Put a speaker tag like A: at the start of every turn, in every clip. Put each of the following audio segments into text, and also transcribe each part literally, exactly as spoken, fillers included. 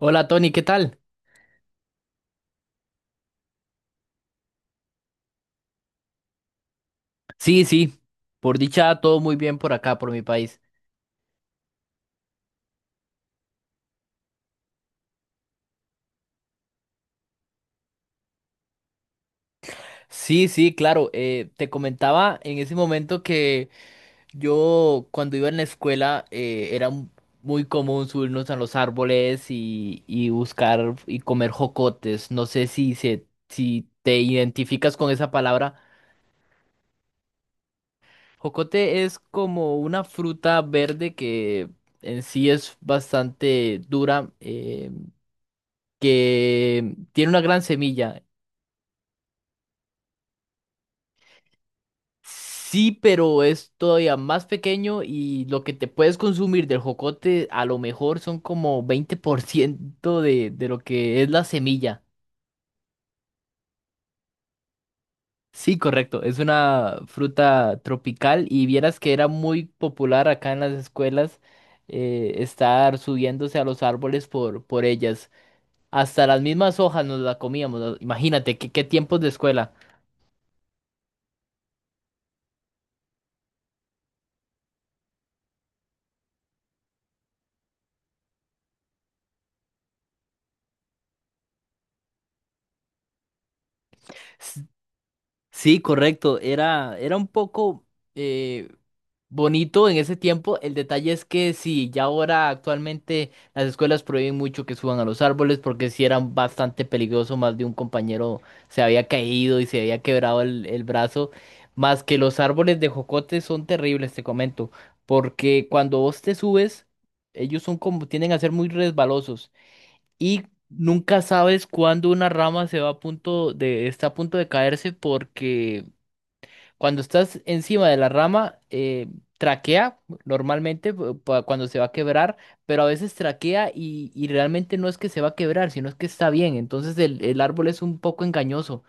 A: Hola Tony, ¿qué tal? Sí, sí, por dicha todo muy bien por acá, por mi país. Sí, sí, claro, eh, te comentaba en ese momento que yo cuando iba en la escuela eh, era m- muy común subirnos a los árboles y, y buscar y comer jocotes. No sé si, se, si te identificas con esa palabra. Jocote es como una fruta verde que en sí es bastante dura, eh, que tiene una gran semilla. Sí, pero es todavía más pequeño y lo que te puedes consumir del jocote a lo mejor son como veinte por ciento de, de lo que es la semilla. Sí, correcto. Es una fruta tropical y vieras que era muy popular acá en las escuelas eh, estar subiéndose a los árboles por, por ellas. Hasta las mismas hojas nos la comíamos. ah, Imagínate, qué, qué tiempos de escuela. S- Sí, correcto. Era, era un poco... eh, bonito en ese tiempo. El detalle es que sí, ya ahora actualmente las escuelas prohíben mucho que suban a los árboles porque si eran bastante peligroso, más de un compañero se había caído y se había quebrado el, el brazo. Más que los árboles de jocote son terribles, te comento, porque cuando vos te subes, ellos son como, tienden a ser muy resbalosos y nunca sabes cuándo una rama se va a punto de, está a punto de caerse porque cuando estás encima de la rama, eh, traquea normalmente pu- pa- cuando se va a quebrar, pero a veces traquea y, y realmente no es que se va a quebrar, sino es que está bien. Entonces el, el árbol es un poco engañoso.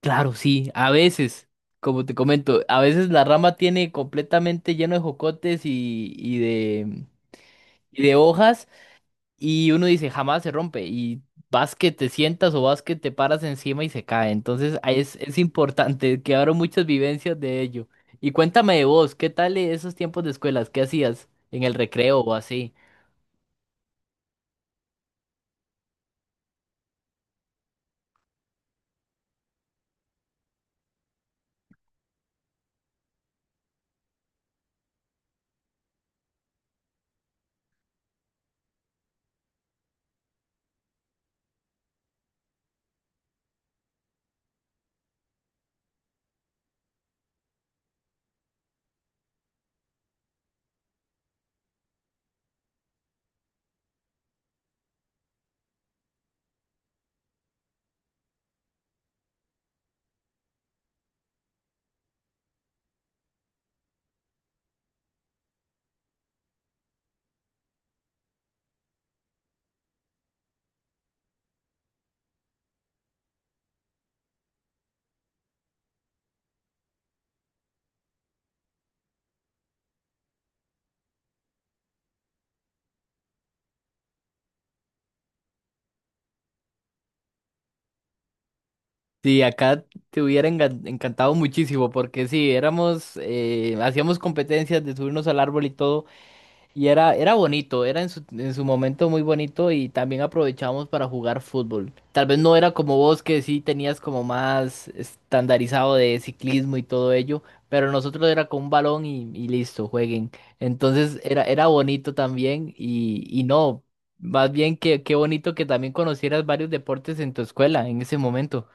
A: Claro, sí, a veces, como te comento, a veces la rama tiene completamente lleno de jocotes y, y de, y de hojas. Y uno dice, jamás se rompe. Y vas que te sientas o vas que te paras encima y se cae. Entonces ahí es, es importante, que quedaron muchas vivencias de ello. Y cuéntame de vos, ¿qué tal esos tiempos de escuelas? ¿Qué hacías en el recreo o así? Sí, acá te hubiera engan- encantado muchísimo porque sí, éramos, eh, hacíamos competencias de subirnos al árbol y todo. Y era, era bonito, era en su, en su momento muy bonito y también aprovechábamos para jugar fútbol. Tal vez no era como vos que sí tenías como más estandarizado de ciclismo y todo ello, pero nosotros era con un balón y, y listo, jueguen. Entonces era, era bonito también y, y no, más bien que qué bonito que también conocieras varios deportes en tu escuela en ese momento.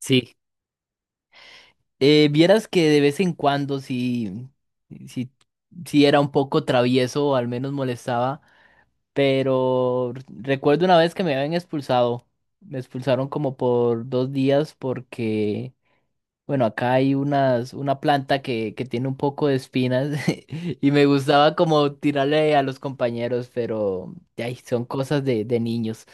A: Sí, Eh, vieras que de vez en cuando sí, sí, sí era un poco travieso o al menos molestaba. Pero recuerdo una vez que me habían expulsado. Me expulsaron como por dos días porque, bueno, acá hay unas, una planta que, que tiene un poco de espinas y me gustaba como tirarle a los compañeros, pero ay, son cosas de, de niños.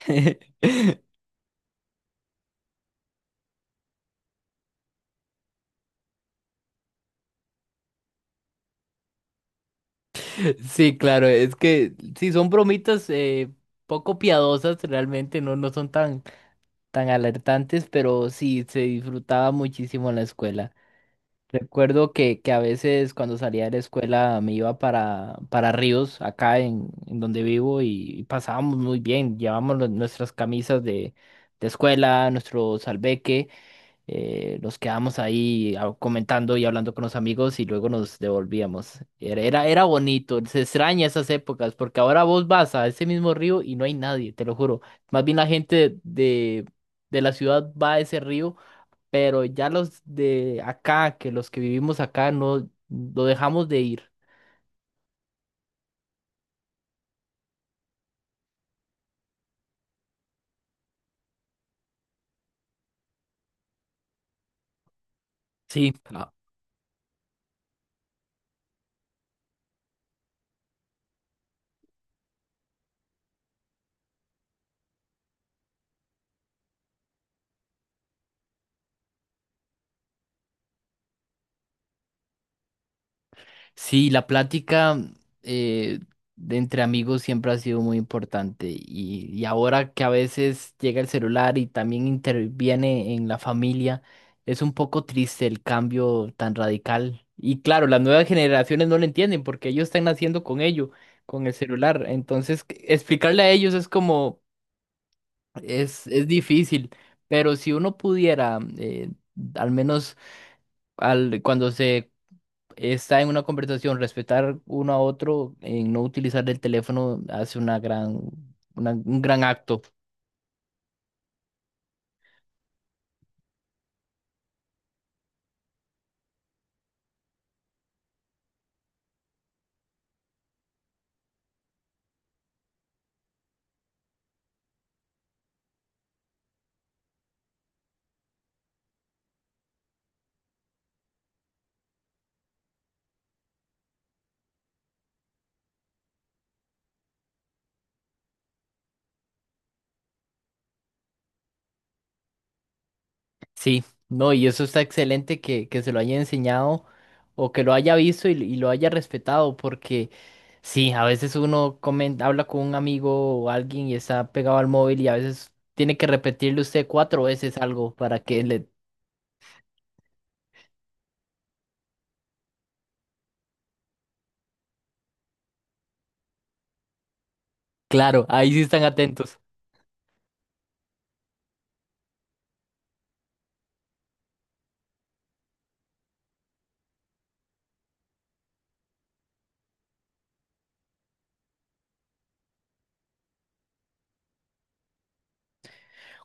A: Sí, claro, es que sí, son bromitas eh, poco piadosas, realmente no, no son tan, tan alertantes, pero sí, se disfrutaba muchísimo en la escuela. Recuerdo que, que a veces cuando salía de la escuela me iba para, para Ríos, acá en, en donde vivo, y, y pasábamos muy bien. Llevábamos lo- nuestras camisas de, de escuela, nuestro salveque, eh, nos quedábamos ahí ah, comentando y hablando con los amigos y luego nos devolvíamos. Era, era, era bonito, se extraña esas épocas, porque ahora vos vas a ese mismo río y no hay nadie, te lo juro. Más bien la gente de, de la ciudad va a ese río pero ya los de acá, que los que vivimos acá, no lo dejamos de ir. Sí, ah, sí, la plática eh, de entre amigos siempre ha sido muy importante y, y ahora que a veces llega el celular y también interviene en la familia, es un poco triste el cambio tan radical. Y claro, las nuevas generaciones no lo entienden porque ellos están naciendo con ello, con el celular. Entonces, explicarle a ellos es como... Es, es difícil, pero si uno pudiera, eh, al menos al, cuando se está en una conversación, respetar uno a otro, en no utilizar el teléfono, hace una gran, una- un gran acto. Sí, no, y eso está excelente que, que se lo haya enseñado o que lo haya visto y, y lo haya respetado, porque sí, a veces uno comen- habla con un amigo o alguien y está pegado al móvil y a veces tiene que repetirle usted cuatro veces algo para que le... Claro, ahí sí están atentos.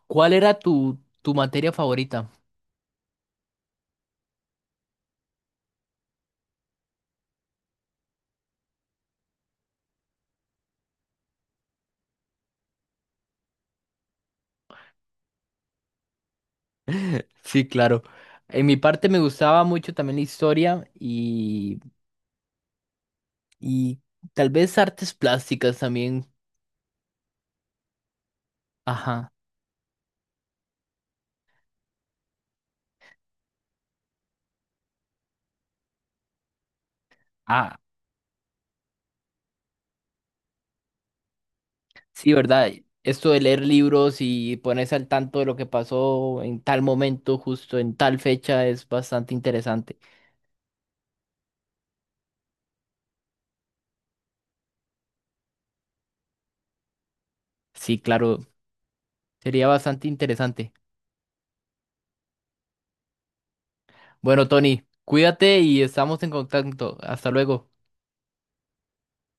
A: ¿Cuál era tu, tu materia favorita? Sí, claro. En mi parte me gustaba mucho también la historia y, y tal vez artes plásticas también. Ajá. Ah, sí, ¿verdad? Esto de leer libros y ponerse al tanto de lo que pasó en tal momento, justo en tal fecha, es bastante interesante. Sí, claro, sería bastante interesante. Bueno, Tony, cuídate y estamos en contacto. Hasta luego.